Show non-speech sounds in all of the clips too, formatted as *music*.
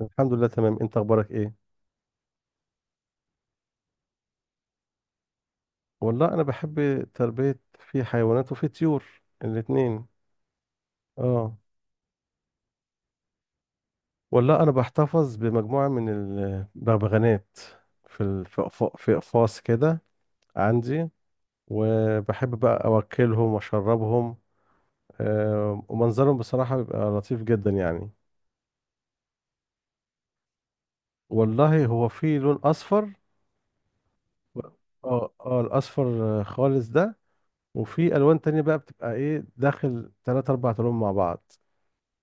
الحمد لله تمام، انت اخبارك ايه؟ والله انا بحب تربية في حيوانات وفي طيور، الاتنين. اه، والله انا بحتفظ بمجموعة من البغبغانات، في ال- في أقف- في اقفاص كده عندي. وبحب بقى اوكلهم واشربهم. ومنظرهم بصراحة بيبقى لطيف جدا يعني. والله هو في لون اصفر. و- اه الاصفر خالص ده. وفي الوان تانية بقى بتبقى ايه داخل تلات اربع لون مع بعض.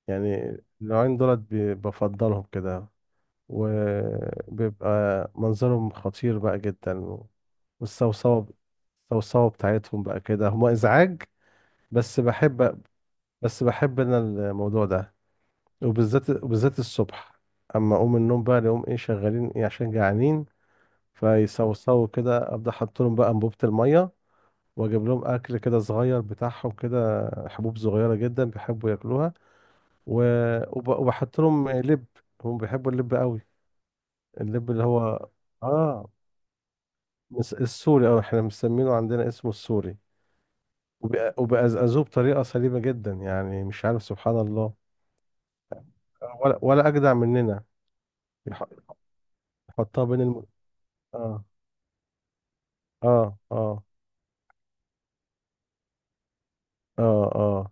يعني النوعين دولت بفضلهم كده. وبيبقى منظرهم خطير بقى جدا، والصوصوة. الصوصوة بتاعتهم بقى كده هما إزعاج. بس بحب بس بحب أنا الموضوع ده. وبالذات الصبح. أما أقوم من النوم بقى نقوم إيه شغالين إيه عشان جعانين، فيصوصوا كده. أبدأ أحط لهم بقى أنبوبة المية، وأجيب لهم أكل كده صغير بتاعهم، كده حبوب صغيرة جدا بيحبوا ياكلوها. وبحط لهم لب، هم بيحبوا اللب قوي. اللب اللي هو، اه السوري. اه، احنا مسمينه عندنا اسمه السوري. وبأزأزوه بطريقة سليمة جدا، يعني مش عارف، سبحان الله. ولا أجدع مننا. يح- يحطها بين الم... اه، اه، اه، اه، اه،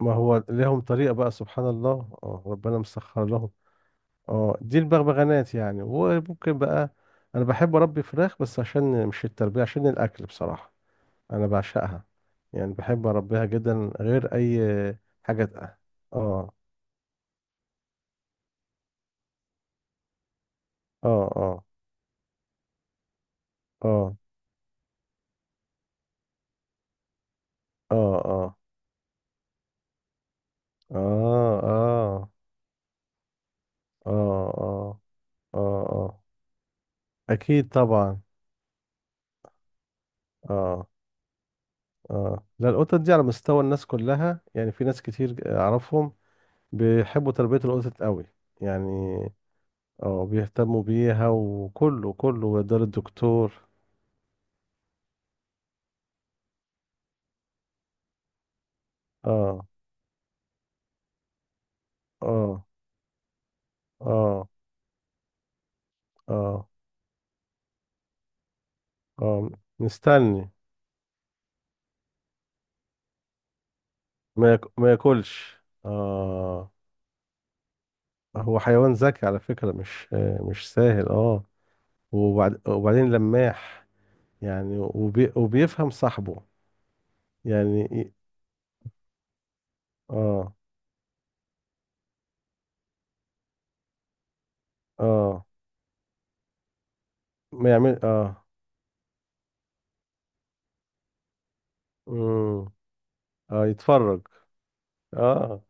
ما هو لهم طريقة بقى، سبحان الله، ربنا مسخر لهم. اه دي البغبغانات يعني، وممكن بقى أنا بحب أربي فراخ، بس عشان مش التربية، عشان الأكل بصراحة. انا بعشقها، يعني بحب اربيها جدا، غير اي حاجه تق-. اه، اه، اه، اه، اه، اه، اه، اه، اه، اه، اه، اه، اكيد طبعا. اه، اه، لا القطط دي على مستوى الناس كلها، يعني في ناس كتير اعرفهم بيحبوا تربيه القطط قوي يعني. اه بيهتموا بيها وكله كله ويقدر الدكتور. اه، اه، اه، اه، اه، مستني. ما ياكلش هو حيوان ذكي على فكرة، مش سهل وبعدين لماح، يعني وبيفهم صاحبه. يعني اه، اه، ما يعمل امم اه، يتفرج. اه،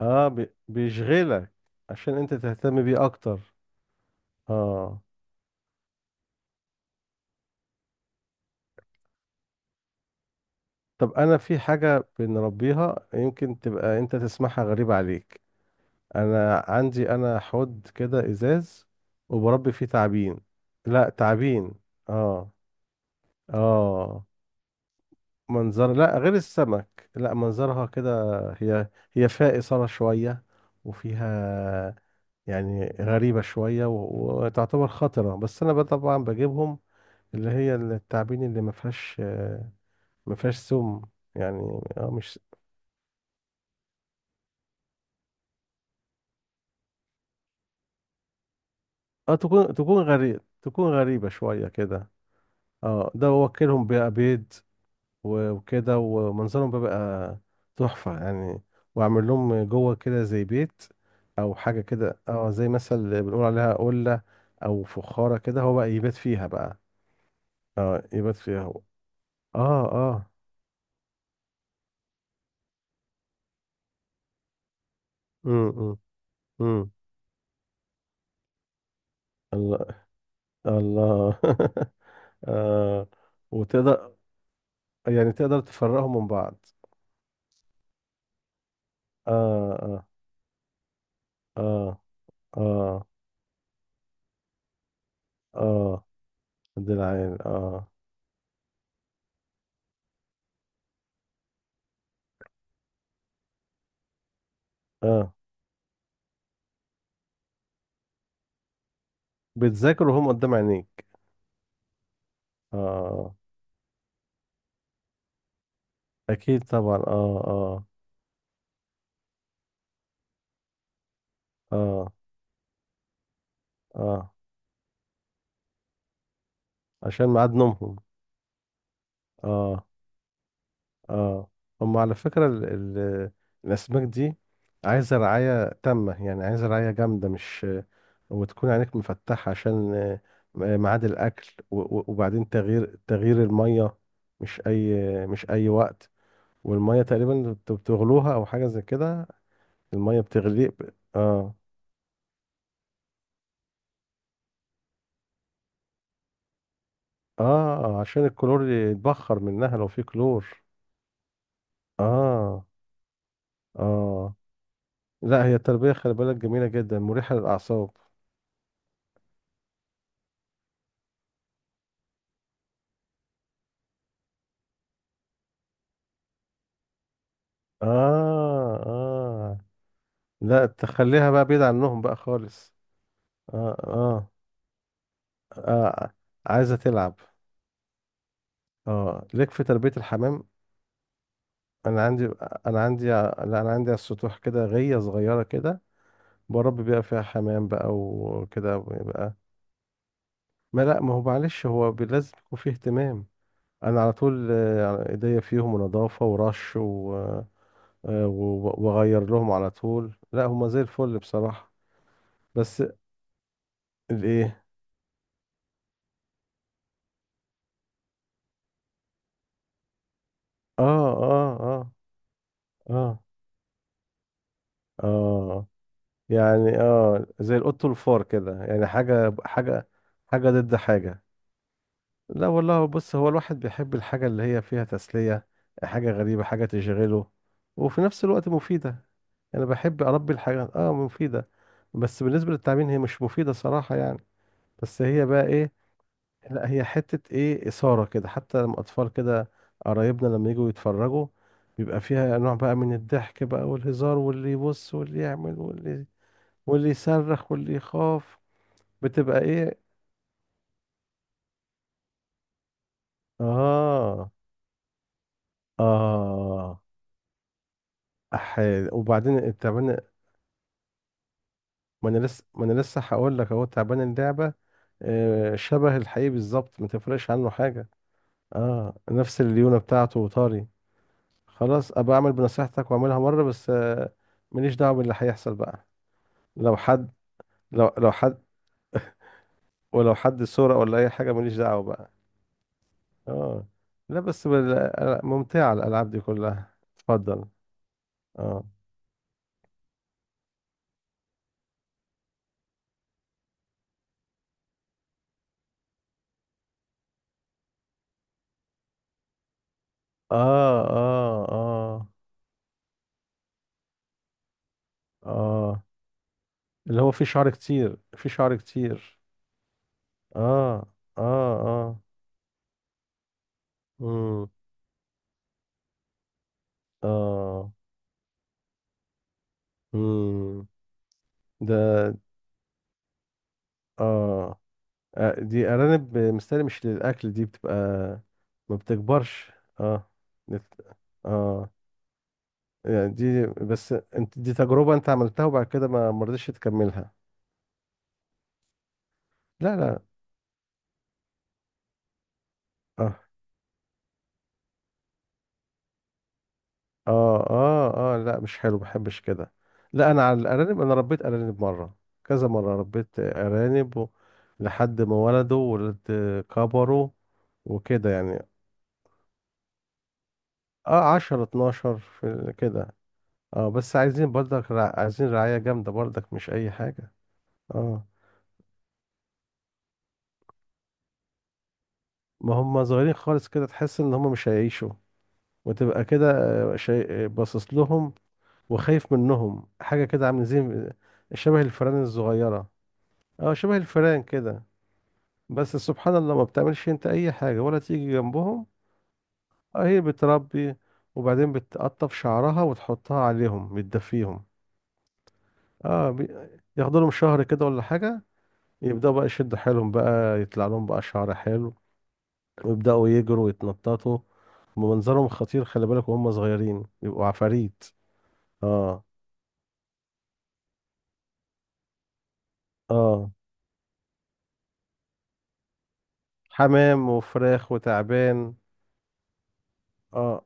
اه، بيشغلك عشان انت تهتم بيه اكتر. اه، طب انا في حاجة بنربيها يمكن تبقى انت تسمعها غريبة عليك. انا عندي حوض كده ازاز، وبربي فيه تعابين. لا، تعابين. اه، اه، منظر. لا غير السمك، لا منظرها كده، هي فيها إثارة شوية. وفيها يعني غريبة شوية، وتعتبر خطرة، بس انا بقى طبعا بجيبهم اللي هي التعابين اللي ما فيهاش سم يعني. اه مش، اه تكون غريبة شوية كده. اه ده واكلهم بقى بيض. وكده، ومنظرهم بيبقى تحفة يعني. وأعمل لهم جوه كده زي بيت، أو حاجة كده، زي مثلا بنقول عليها قلة، أو فخارة كده، هو بقى يبات فيها بقى. اه يبات فيها هو. اه، اه، امم، امم، إمم. الله، الله. *laughs* آه وتقدر، يعني تقدر تفرقهم من بعض؟ اه، اه، اه، اه، اه، دي العين اه، بتذاكروا هم قدام عينيك. اه، اكيد طبعا. اه، اه، اه، اه، عشان ميعاد نومهم. اه، اه، هم على فكرة ال ال الاسماك دي عايزة رعاية تامة، يعني عايزة رعاية جامدة مش. وتكون عينك مفتحة عشان ميعاد الاكل، وبعدين تغيير المية. مش اي وقت. والمية تقريبا بتغلوها او حاجة زي كده. المية بتغلي اه عشان الكلور يتبخر منها لو في كلور. اه، اه، لا هي التربية خلي بالك جميلة جدا، مريحة للأعصاب. اه، اه، لا تخليها بقى بعيد عنهم بقى خالص. اه، اه، آه. عايزة تلعب. اه، ليك في تربية الحمام؟ انا عندي انا عندي لا انا عندي على السطوح كده غية صغيرة كده، بربي بقى فيها حمام بقى وكده بقى. ما لا، ما هو معلش، هو لازم يكون فيه اهتمام. انا على طول ايديا فيهم ونظافة ورش. واغير لهم على طول، لا هما زي الفل بصراحة. بس الايه. اه، اه، اه، اه، اه، يعني زي القط والفار كده، يعني حاجة ضد حاجة. لا والله، بص هو الواحد بيحب الحاجة اللي هي فيها تسلية، حاجة غريبة، حاجة تشغله، وفي نفس الوقت مفيدة. انا بحب اربي الحاجات مفيدة. بس بالنسبة للتعبين هي مش مفيدة صراحة يعني. بس هي بقى ايه. لا هي حتة ايه إثارة كده، حتى لما أطفال كده قرايبنا لما يجوا يتفرجوا، بيبقى فيها نوع بقى من الضحك بقى والهزار، واللي يبص واللي يعمل واللي واللي يصرخ واللي يخاف، بتبقى ايه. اه، اه، أحيان. وبعدين التعبان، ما انا لسه هقول لك اهو تعبان اللعبة. شبه الحقيقي بالظبط، ما تفرقش عنه حاجة. اه نفس الليونة بتاعته وطاري. خلاص، ابقى اعمل بنصيحتك واعملها مرة بس ماليش دعوة باللي هيحصل بقى. لو حد، لو لو حد، ولو حد صورة ولا أي حاجة، ماليش دعوة بقى. اه لا بس بال... ممتعة الألعاب دي كلها، اتفضل. اه، اه، اه، اه، اه، اللي هو فيه شعر كتير. اه، اه، اه، امم، اه، امم، ده. اه دي أرانب مستني مش للأكل، دي بتبقى ما بتكبرش. اه، نت- اه يعني دي بس انت دي تجربة انت عملتها، وبعد كده ما رضيتش تكملها. لا، لا. اه، اه، اه، اه، لا مش حلو، ما بحبش كده. لا انا على الارانب، انا ربيت ارانب مرة، كذا مرة ربيت ارانب و... لحد ما ولدوا، ولد، كبروا وكده يعني. اه 10 12 كده. اه بس عايزين برضك رع... عايزين رعاية جامدة برضك، مش اي حاجة. اه ما هم صغيرين خالص كده، تحس ان هم مش هيعيشوا. وتبقى كده، شيء باصص لهم، وخايف منهم، حاجة كده عاملة زي شبه الفئران الصغيرة. اه شبه الفئران كده. بس سبحان الله ما بتعملش انت اي حاجة ولا تيجي جنبهم. اه هي بتربي، وبعدين بتقطف شعرها وتحطها عليهم بتدفيهم. اه بي... ياخدوا لهم شهر كده ولا حاجة، يبدأوا بقى يشدوا حيلهم بقى، يطلع لهم بقى شعر حلو، ويبدأوا يجروا ويتنططوا. ومنظرهم خطير، خلي بالك وهم صغيرين يبقوا عفاريت. اه، اه، حمام وفراخ وتعبان. اه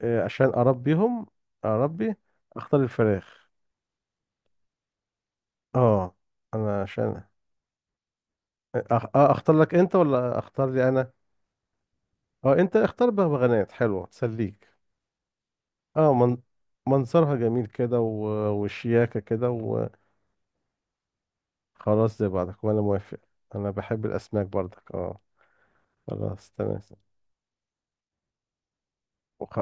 عشان اربيهم، اربي. اختار الفراخ. اه انا عشان، آه، أخ... آه اختار لك انت ولا اختار لي انا؟ اه انت اختار بغبغانات حلوه تسليك. اه، من... منظرها جميل كده، و... وشياكه كده. وخلاص زي بعضك، وانا موافق. انا بحب الاسماك برضك خلاص تمام. وخ...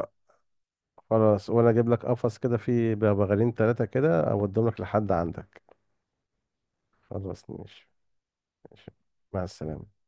خلاص، وانا اجيب لك قفص كده فيه بغبغانين ثلاثه كده، اوديهم لك لحد عندك. خلاص، ماشي. ماشي، مع السلامه.